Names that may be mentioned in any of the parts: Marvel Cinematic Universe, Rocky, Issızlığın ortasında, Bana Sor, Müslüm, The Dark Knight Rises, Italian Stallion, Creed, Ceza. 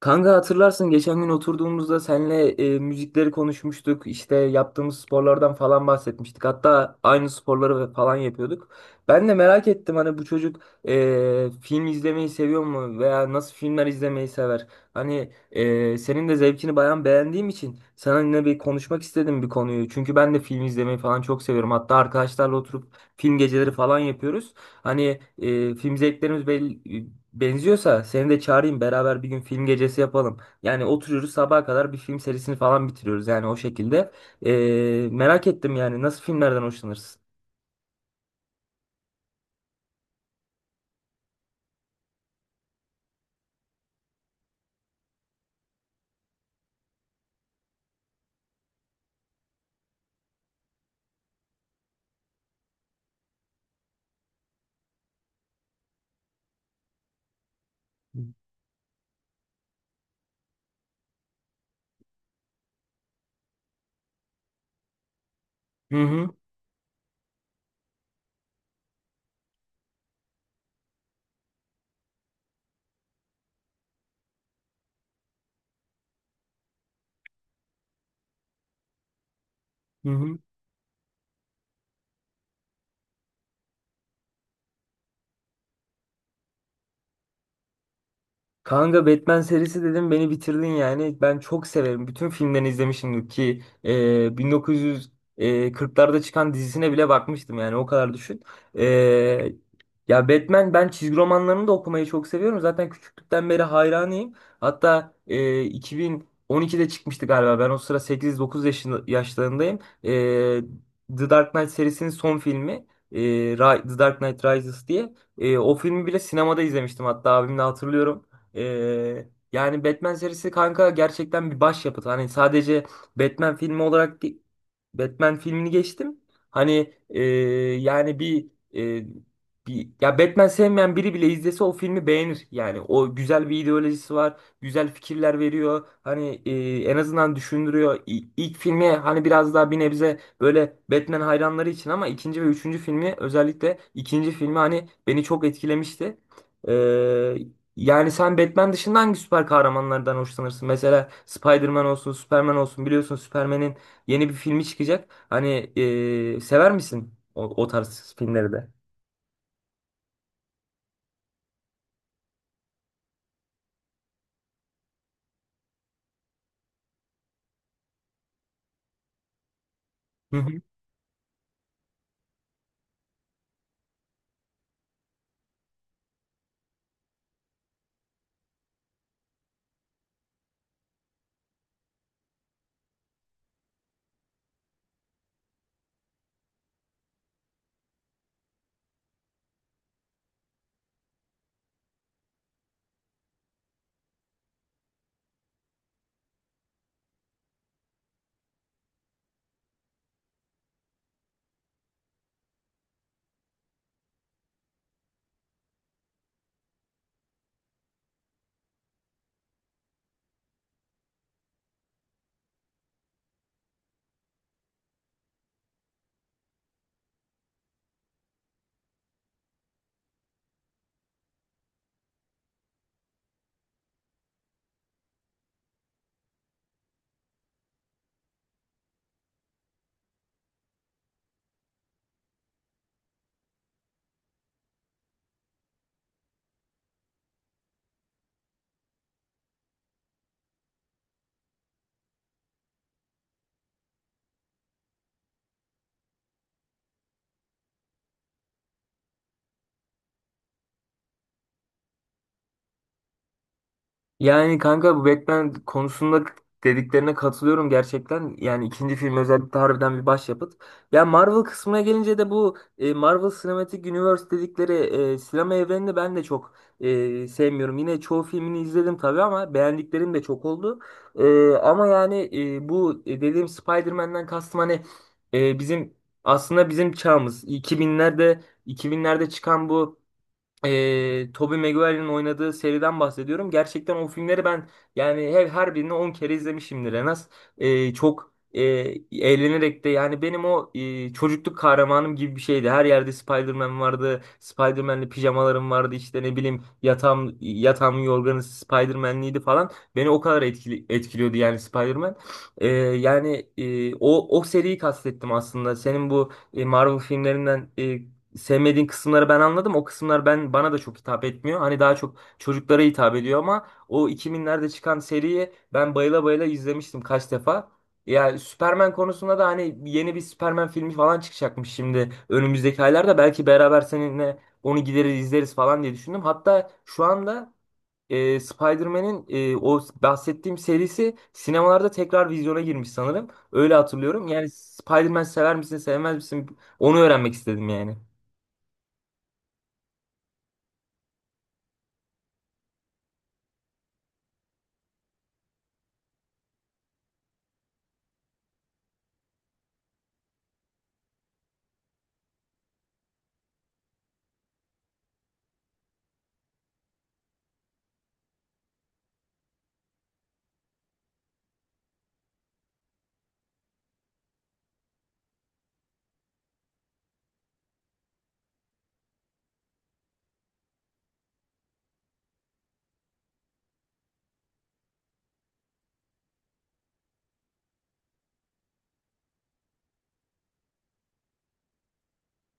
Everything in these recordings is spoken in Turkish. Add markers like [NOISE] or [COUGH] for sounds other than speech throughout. Kanka hatırlarsın geçen gün oturduğumuzda senle müzikleri konuşmuştuk. İşte yaptığımız sporlardan falan bahsetmiştik. Hatta aynı sporları ve falan yapıyorduk. Ben de merak ettim hani bu çocuk film izlemeyi seviyor mu veya nasıl filmler izlemeyi sever? Hani senin de zevkini bayan beğendiğim için seninle bir konuşmak istedim bir konuyu. Çünkü ben de film izlemeyi falan çok seviyorum. Hatta arkadaşlarla oturup film geceleri falan yapıyoruz. Hani film zevklerimiz benziyorsa seni de çağırayım, beraber bir gün film gecesi yapalım. Yani oturuyoruz, sabaha kadar bir film serisini falan bitiriyoruz, yani o şekilde. Merak ettim yani nasıl filmlerden hoşlanırsın? Hı hı. Hı hı. Kanka Batman serisi dedim, beni bitirdin yani. Ben çok severim. Bütün filmlerini izlemişim ki 1940'larda çıkan dizisine bile bakmıştım, yani o kadar düşün. E, ya Batman, ben çizgi romanlarını da okumayı çok seviyorum. Zaten küçüklükten beri hayranıyım. Hatta 2012'de çıkmıştı galiba. Ben o sıra 8-9 yaşlarındayım. The Dark Knight serisinin son filmi. e, The Dark Knight Rises diye. O filmi bile sinemada izlemiştim, hatta abimle hatırlıyorum. Yani Batman serisi kanka gerçekten bir başyapıt. Hani sadece Batman filmi olarak değil. Batman filmini geçtim. Hani e, yani bir e, bir Ya Batman sevmeyen biri bile izlese o filmi beğenir. Yani o, güzel bir ideolojisi var, güzel fikirler veriyor. Hani en azından düşündürüyor. İlk filmi hani biraz daha bir nebze böyle Batman hayranları için, ama ikinci ve üçüncü filmi, özellikle ikinci filmi, hani beni çok etkilemişti. E, Yani sen Batman dışında hangi süper kahramanlardan hoşlanırsın? Mesela Spider-Man olsun, Superman olsun. Biliyorsun Superman'in yeni bir filmi çıkacak. Hani sever misin o tarz filmleri de? Hı hı. Yani kanka bu Batman konusunda dediklerine katılıyorum gerçekten. Yani ikinci film özellikle harbiden bir başyapıt. Ya Marvel kısmına gelince de bu Marvel Cinematic Universe dedikleri sinema evrenini ben de çok sevmiyorum. Yine çoğu filmini izledim tabii, ama beğendiklerim de çok oldu. Ama yani bu dediğim Spider-Man'den kastım, hani e, bizim bizim çağımız 2000'lerde çıkan bu Tobey Maguire'in oynadığı seriden bahsediyorum. Gerçekten o filmleri ben yani her birini 10 kere izlemişimdir en az. Çok eğlenerek de, yani benim o çocukluk kahramanım gibi bir şeydi. Her yerde Spider-Man vardı. Spider-Man'li pijamalarım vardı. İşte ne bileyim, yatağımın yorganı Spider-Man'liydi falan. Beni o kadar etkiliyordu yani Spider-Man. Yani o seriyi kastettim aslında. Senin bu Marvel filmlerinden sevmediğin kısımları ben anladım. O kısımlar bana da çok hitap etmiyor. Hani daha çok çocuklara hitap ediyor, ama o 2000'lerde çıkan seriyi ben bayıla bayıla izlemiştim kaç defa. Yani Superman konusunda da, hani yeni bir Superman filmi falan çıkacakmış şimdi önümüzdeki aylarda. Belki beraber seninle onu gideriz izleriz falan diye düşündüm. Hatta şu anda Spider-Man'in o bahsettiğim serisi sinemalarda tekrar vizyona girmiş sanırım. Öyle hatırlıyorum. Yani Spider-Man sever misin sevmez misin, onu öğrenmek istedim yani.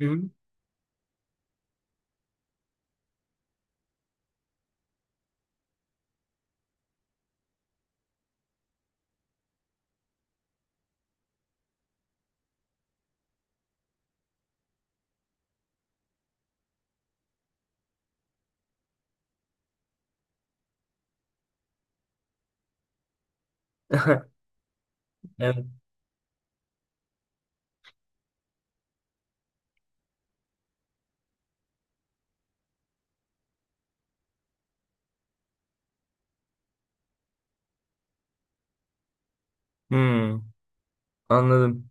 Hı hı. [LAUGHS] Evet. Hmm, anladım.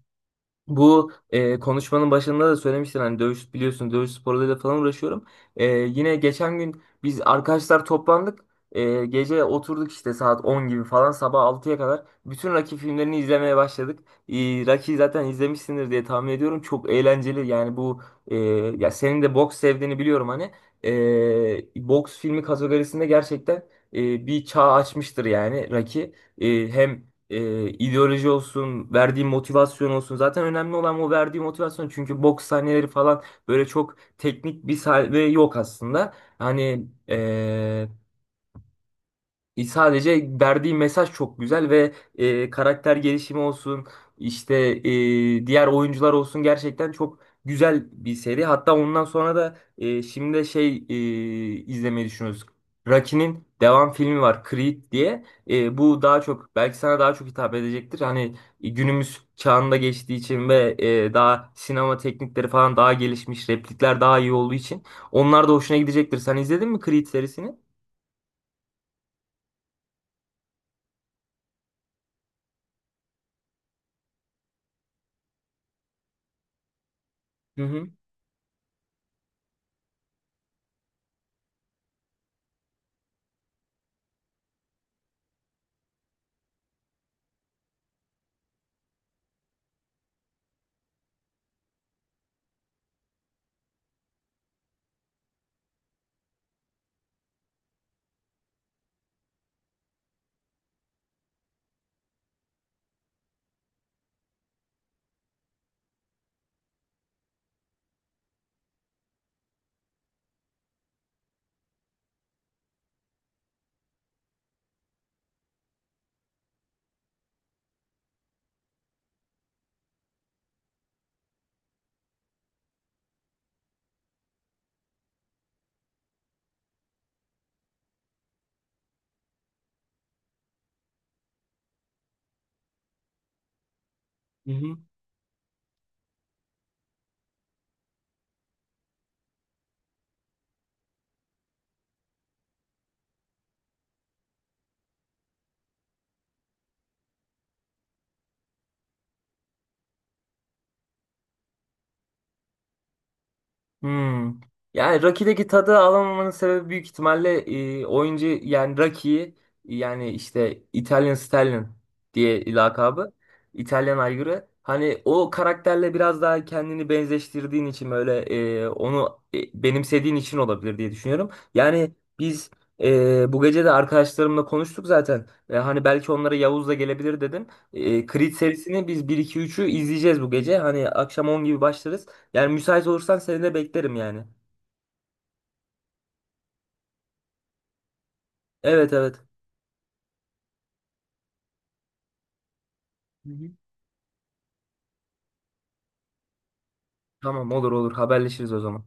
Bu konuşmanın başında da söylemiştin, hani dövüş, biliyorsun dövüş sporlarıyla falan uğraşıyorum. Yine geçen gün biz arkadaşlar toplandık. Gece oturduk işte saat 10 gibi falan sabah 6'ya kadar. Bütün Rocky filmlerini izlemeye başladık. E, Rocky zaten izlemişsindir diye tahmin ediyorum. Çok eğlenceli yani bu e, ya senin de boks sevdiğini biliyorum hani. Boks filmi kategorisinde gerçekten bir çağ açmıştır yani Rocky. Hem ideoloji olsun, verdiği motivasyon olsun. Zaten önemli olan o verdiği motivasyon. Çünkü boks sahneleri falan, böyle çok teknik bir sahne yok aslında. Hani, sadece verdiği mesaj çok güzel ve karakter gelişimi olsun, işte diğer oyuncular olsun, gerçekten çok güzel bir seri. Hatta ondan sonra da şimdi de şey izlemeyi düşünüyoruz. Rocky'nin devam filmi var, Creed diye. Bu daha çok belki sana daha çok hitap edecektir. Hani günümüz çağında geçtiği için ve daha sinema teknikleri falan daha gelişmiş, replikler daha iyi olduğu için onlar da hoşuna gidecektir. Sen izledin mi Creed serisini? Hı hı. Hı hı. Hmm. Yani Rocky'deki tadı alamamanın sebebi büyük ihtimalle oyuncu, yani Rocky'yi, yani işte Italian Stallion diye lakabı, İtalyan aygırı. Hani o karakterle biraz daha kendini benzeştirdiğin için, böyle onu benimsediğin için olabilir diye düşünüyorum. Yani biz bu gece de arkadaşlarımla konuştuk zaten. Hani belki onlara Yavuz da gelebilir dedim. Creed serisini biz bir iki üçü izleyeceğiz bu gece. Hani akşam 10 gibi başlarız. Yani müsait olursan seni de beklerim yani. Evet, evet. Hı hı. Tamam, olur olur, haberleşiriz o zaman.